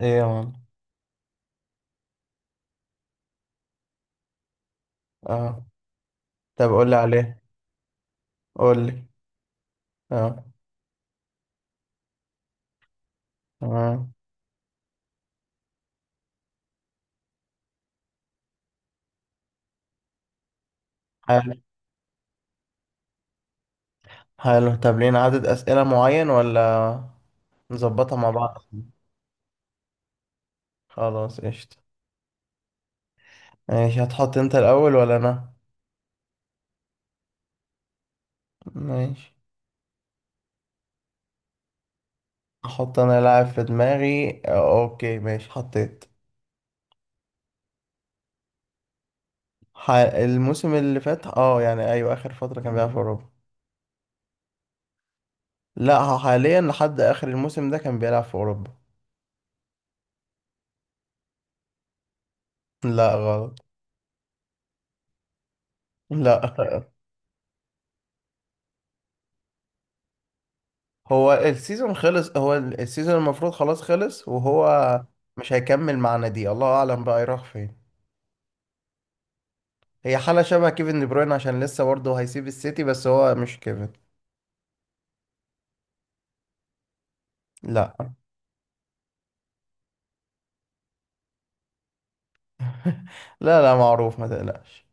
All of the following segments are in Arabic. ايه يا مان. اه، طب قول لي عليه. قول لي. اه، تمام. حلو. حلو، طب لينا عدد أسئلة معين ولا نظبطها مع بعض؟ خلاص، قشطة. ماشي، هتحط انت الأول ولا أنا؟ ماشي، احط انا لاعب في دماغي. اوكي، ماشي، حطيت. الموسم اللي فات، اه، يعني ايوه، اخر فترة كان بيلعب في اوروبا. لا، هو حاليا لحد اخر الموسم ده كان بيلعب في اوروبا. لا غلط. لا. هو السيزون خلص، هو السيزون المفروض خلاص خلص، وهو مش هيكمل معانا. دي الله اعلم بقى يروح فين. هي حالة شبه كيفن دي بروين عشان لسه برضه هيسيب السيتي، بس هو مش كيفن. لا، لا، لا، معروف، ما تقلقش.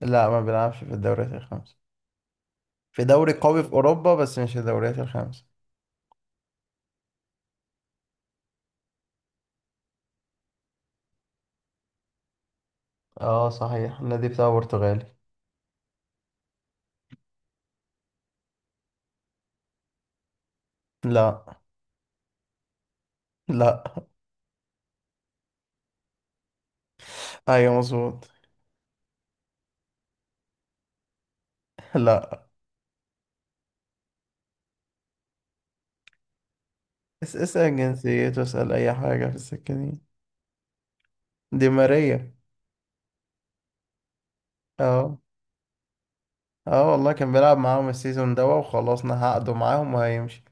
لا، ما بيلعبش في الدوريات الخمسة، في دوري قوي في اوروبا بس مش الدوريات الخمسة. اه، صحيح النادي بتاعه برتغالي. لا. لا. ايوه، مظبوط. لا. اسأل جنسيته، اسأل اي حاجة في السكة دي. دي ماريا. اه. اه والله كان بيلعب معاهم السيزون ده وخلصنا عقده معاهم وهيمشي.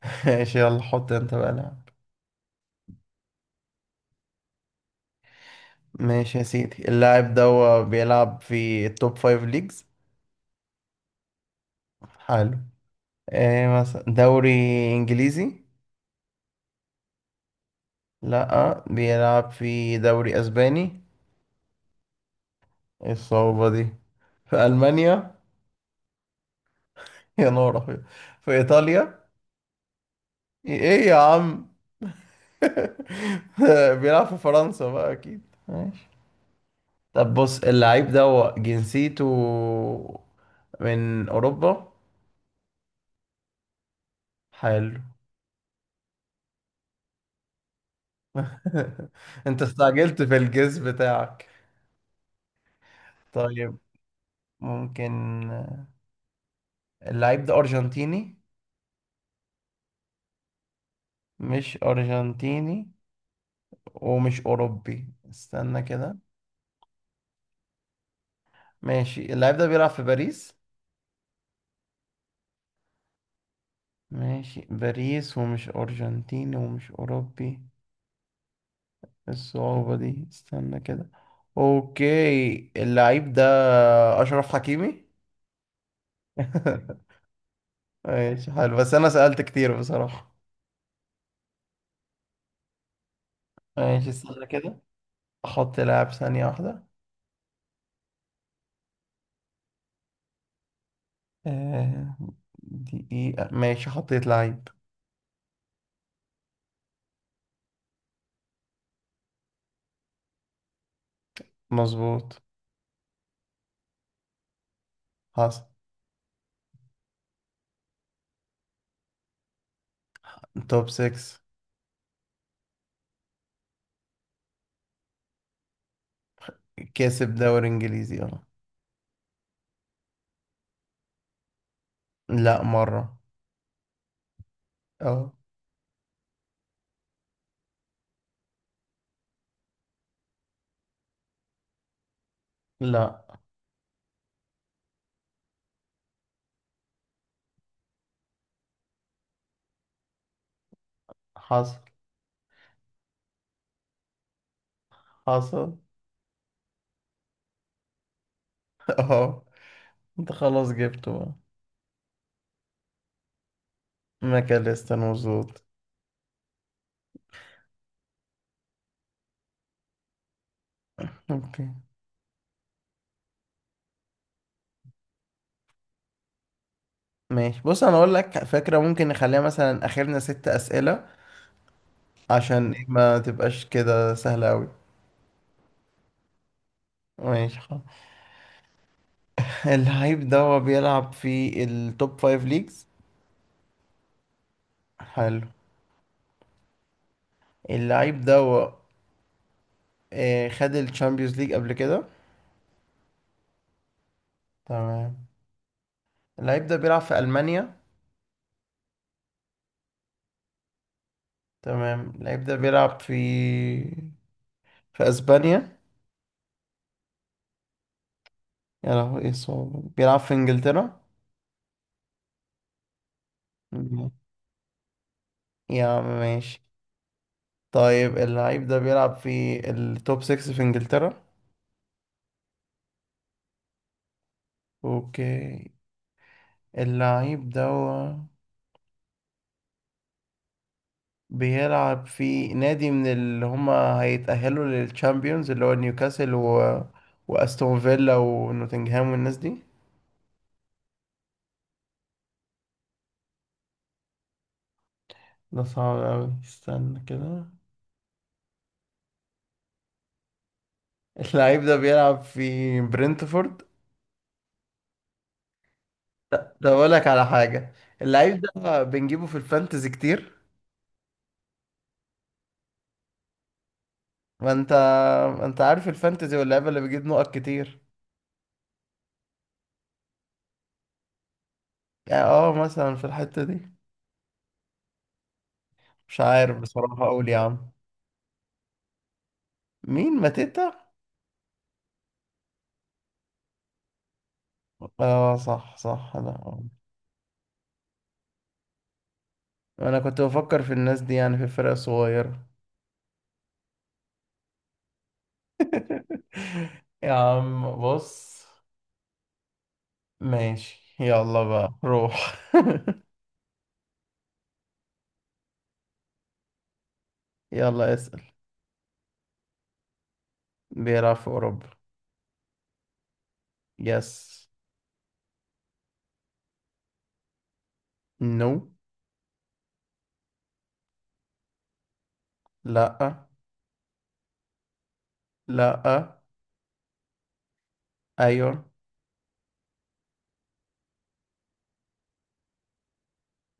ماشي، يلا حط انت بقى لاعب. ماشي يا سيدي، اللاعب ده هو بيلعب في التوب فايف ليجز. حلو. ايه مثلا؟ دوري انجليزي؟ لا، بيلعب في دوري اسباني؟ ايه الصعوبة دي؟ في المانيا؟ يا نهار أبيض. في ايطاليا؟ ايه يا عم؟ بيلعب في فرنسا بقى اكيد. ماشي. طب بص، اللعيب ده هو جنسيته من أوروبا؟ حلو. أنت استعجلت في الجيس بتاعك. طيب، ممكن اللعيب ده أرجنتيني؟ مش أرجنتيني ومش أوروبي، استنى كده. ماشي، اللعيب ده بيلعب في باريس؟ ماشي، باريس ومش أرجنتيني ومش أوروبي. إيه الصعوبة دي؟ استنى كده. أوكي، اللعيب ده أشرف حكيمي. ماشي حلو، بس انا سألت كتير بصراحة. ماشي، استنى كده. احط لاعب. ثانية واحدة. آه، دقيقة. ماشي، حطيت لعيب. مظبوط. حصل. توب 6. كسب دوري انجليزي؟ اه. لا، مرة. اه. لا. حصل. حصل. اه. انت خلاص جبته بقى. ماكاليستر، مظبوط. اوكي ماشي. بص، انا اقول لك فكرة، ممكن نخليها مثلا اخرنا ست اسئلة، عشان ما تبقاش كده سهلة اوي. ماشي، خلاص. اللعيب ده هو بيلعب في التوب فايف ليجز. حلو. اللعيب ده هو خد الشامبيونز ليج قبل كده؟ تمام. اللعيب ده بيلعب في ألمانيا؟ تمام، اللعيب ده بيلعب في في أسبانيا؟ يا لهوي، ايه الصعوبة دي؟ بيلعب في إنجلترا؟ مم. يا عم ماشي. طيب، اللعيب ده بيلعب في التوب 6 في إنجلترا؟ اوكي، اللعيب ده بيلعب في نادي من اللي هما هيتأهلوا للتشامبيونز، اللي هو نيوكاسل وأستون فيلا ونوتنغهام والناس دي؟ ده صعب أوي، استنى كده. اللعيب ده بيلعب في برينتفورد؟ ده أقول لك على حاجة، اللعيب ده بنجيبه في الفانتزي كتير. ما انت ما انت عارف الفانتزي واللعيبة اللي بيجيب نقط كتير. يعني اه مثلا في الحتة دي. مش عارف بصراحة، اقول يا عم. مين ماتيتا؟ اه، صح، صح، انا كنت بفكر في الناس دي، يعني في الفرق الصغيرة. يا عم بص. ماشي، يلا بقى روح. يلا اسأل. بيلعب في اوروبا. يس. نو. لا. لا. ايوه.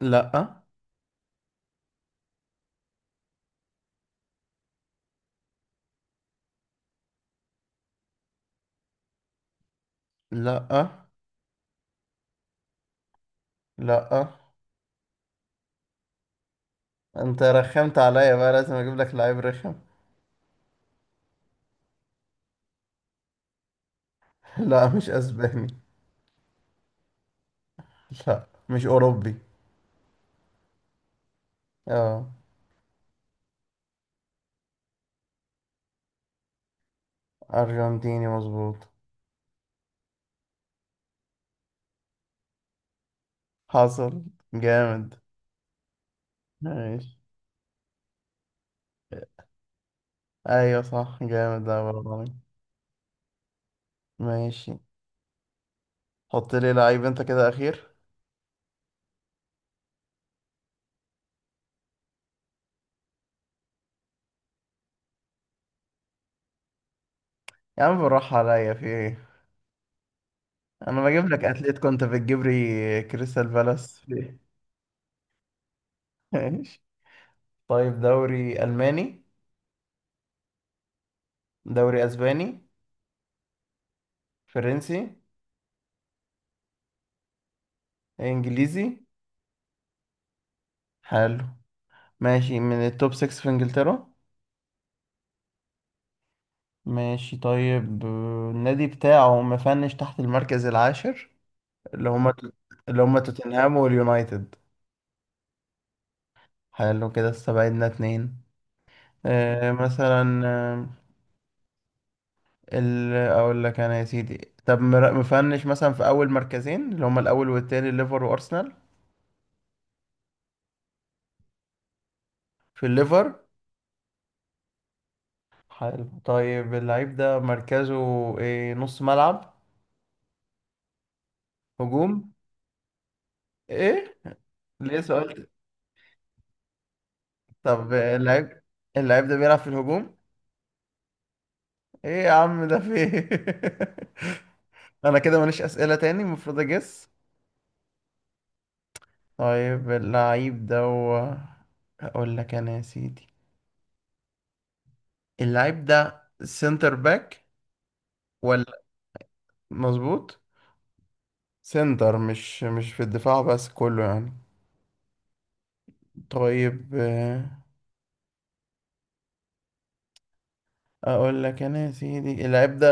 لا. لا. لا. انت رخمت عليا، بقى لازم اجيب لك لعيب رخم. لا، مش اسباني. لا، مش اوروبي. اه. ارجنتيني، مظبوط. حصل. جامد. ماشي. ايوه صح، جامد ده والله. ماشي. حط لي لعيب انت كده اخير. يا عم بالراحة عليا، في ايه؟ انا بجيب لك اتليت، كنت بتجيب لي كريستال بالاس؟ في ايه؟ ماشي. طيب، دوري الماني؟ دوري اسباني؟ فرنسي؟ انجليزي؟ حلو. ماشي، من التوب 6 في انجلترا؟ ماشي طيب، النادي بتاعه مفنش تحت المركز العاشر، اللي هما توتنهام واليونايتد؟ حلو، كده استبعدنا اتنين. آه، مثلا آه، اقول لك انا يا سيدي، طب مفنش مثلا في اول مركزين اللي هما الاول والتاني، الليفر وارسنال؟ في الليفر؟ حلو. طيب، اللعيب ده مركزه إيه؟ نص ملعب؟ هجوم؟ ايه؟ ليه سؤال؟ طب اللعيب، اللعيب ده بيلعب في الهجوم؟ ايه يا عم ده في إيه؟ انا كده ماليش اسئله تاني، المفروض اجس. طيب، اقول لك انا يا سيدي، اللعيب ده سنتر باك ولا؟ مظبوط. سنتر، مش في الدفاع بس، كله يعني. طيب، اقول لك انا يا سيدي، اللاعب ده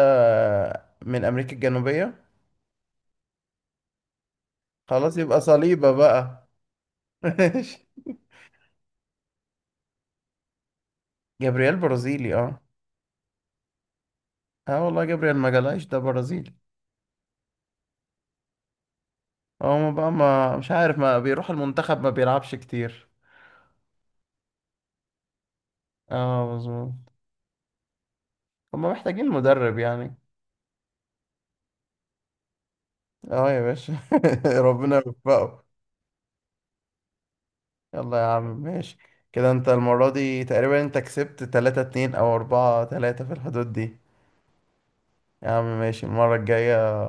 من امريكا الجنوبية. خلاص يبقى صليبة بقى. ماشي. جابرييل برازيلي، اه. اه والله، جابرييل مجالايش، ده برازيلي. هو ما بقى، ما مش عارف، ما بيروح المنتخب، ما بيلعبش كتير. اه، مظبوط. هما محتاجين مدرب يعني. اه يا باشا. ربنا يوفقه. يلا يا عم ماشي. كده انت المرة دي تقريبا انت كسبت تلاتة اتنين او اربعة تلاتة في الحدود دي. يا عم ماشي، المرة الجاية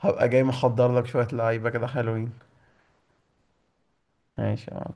هبقى جاي محضر لك شوية لعيبة كده حلوين. ماشي يا عم.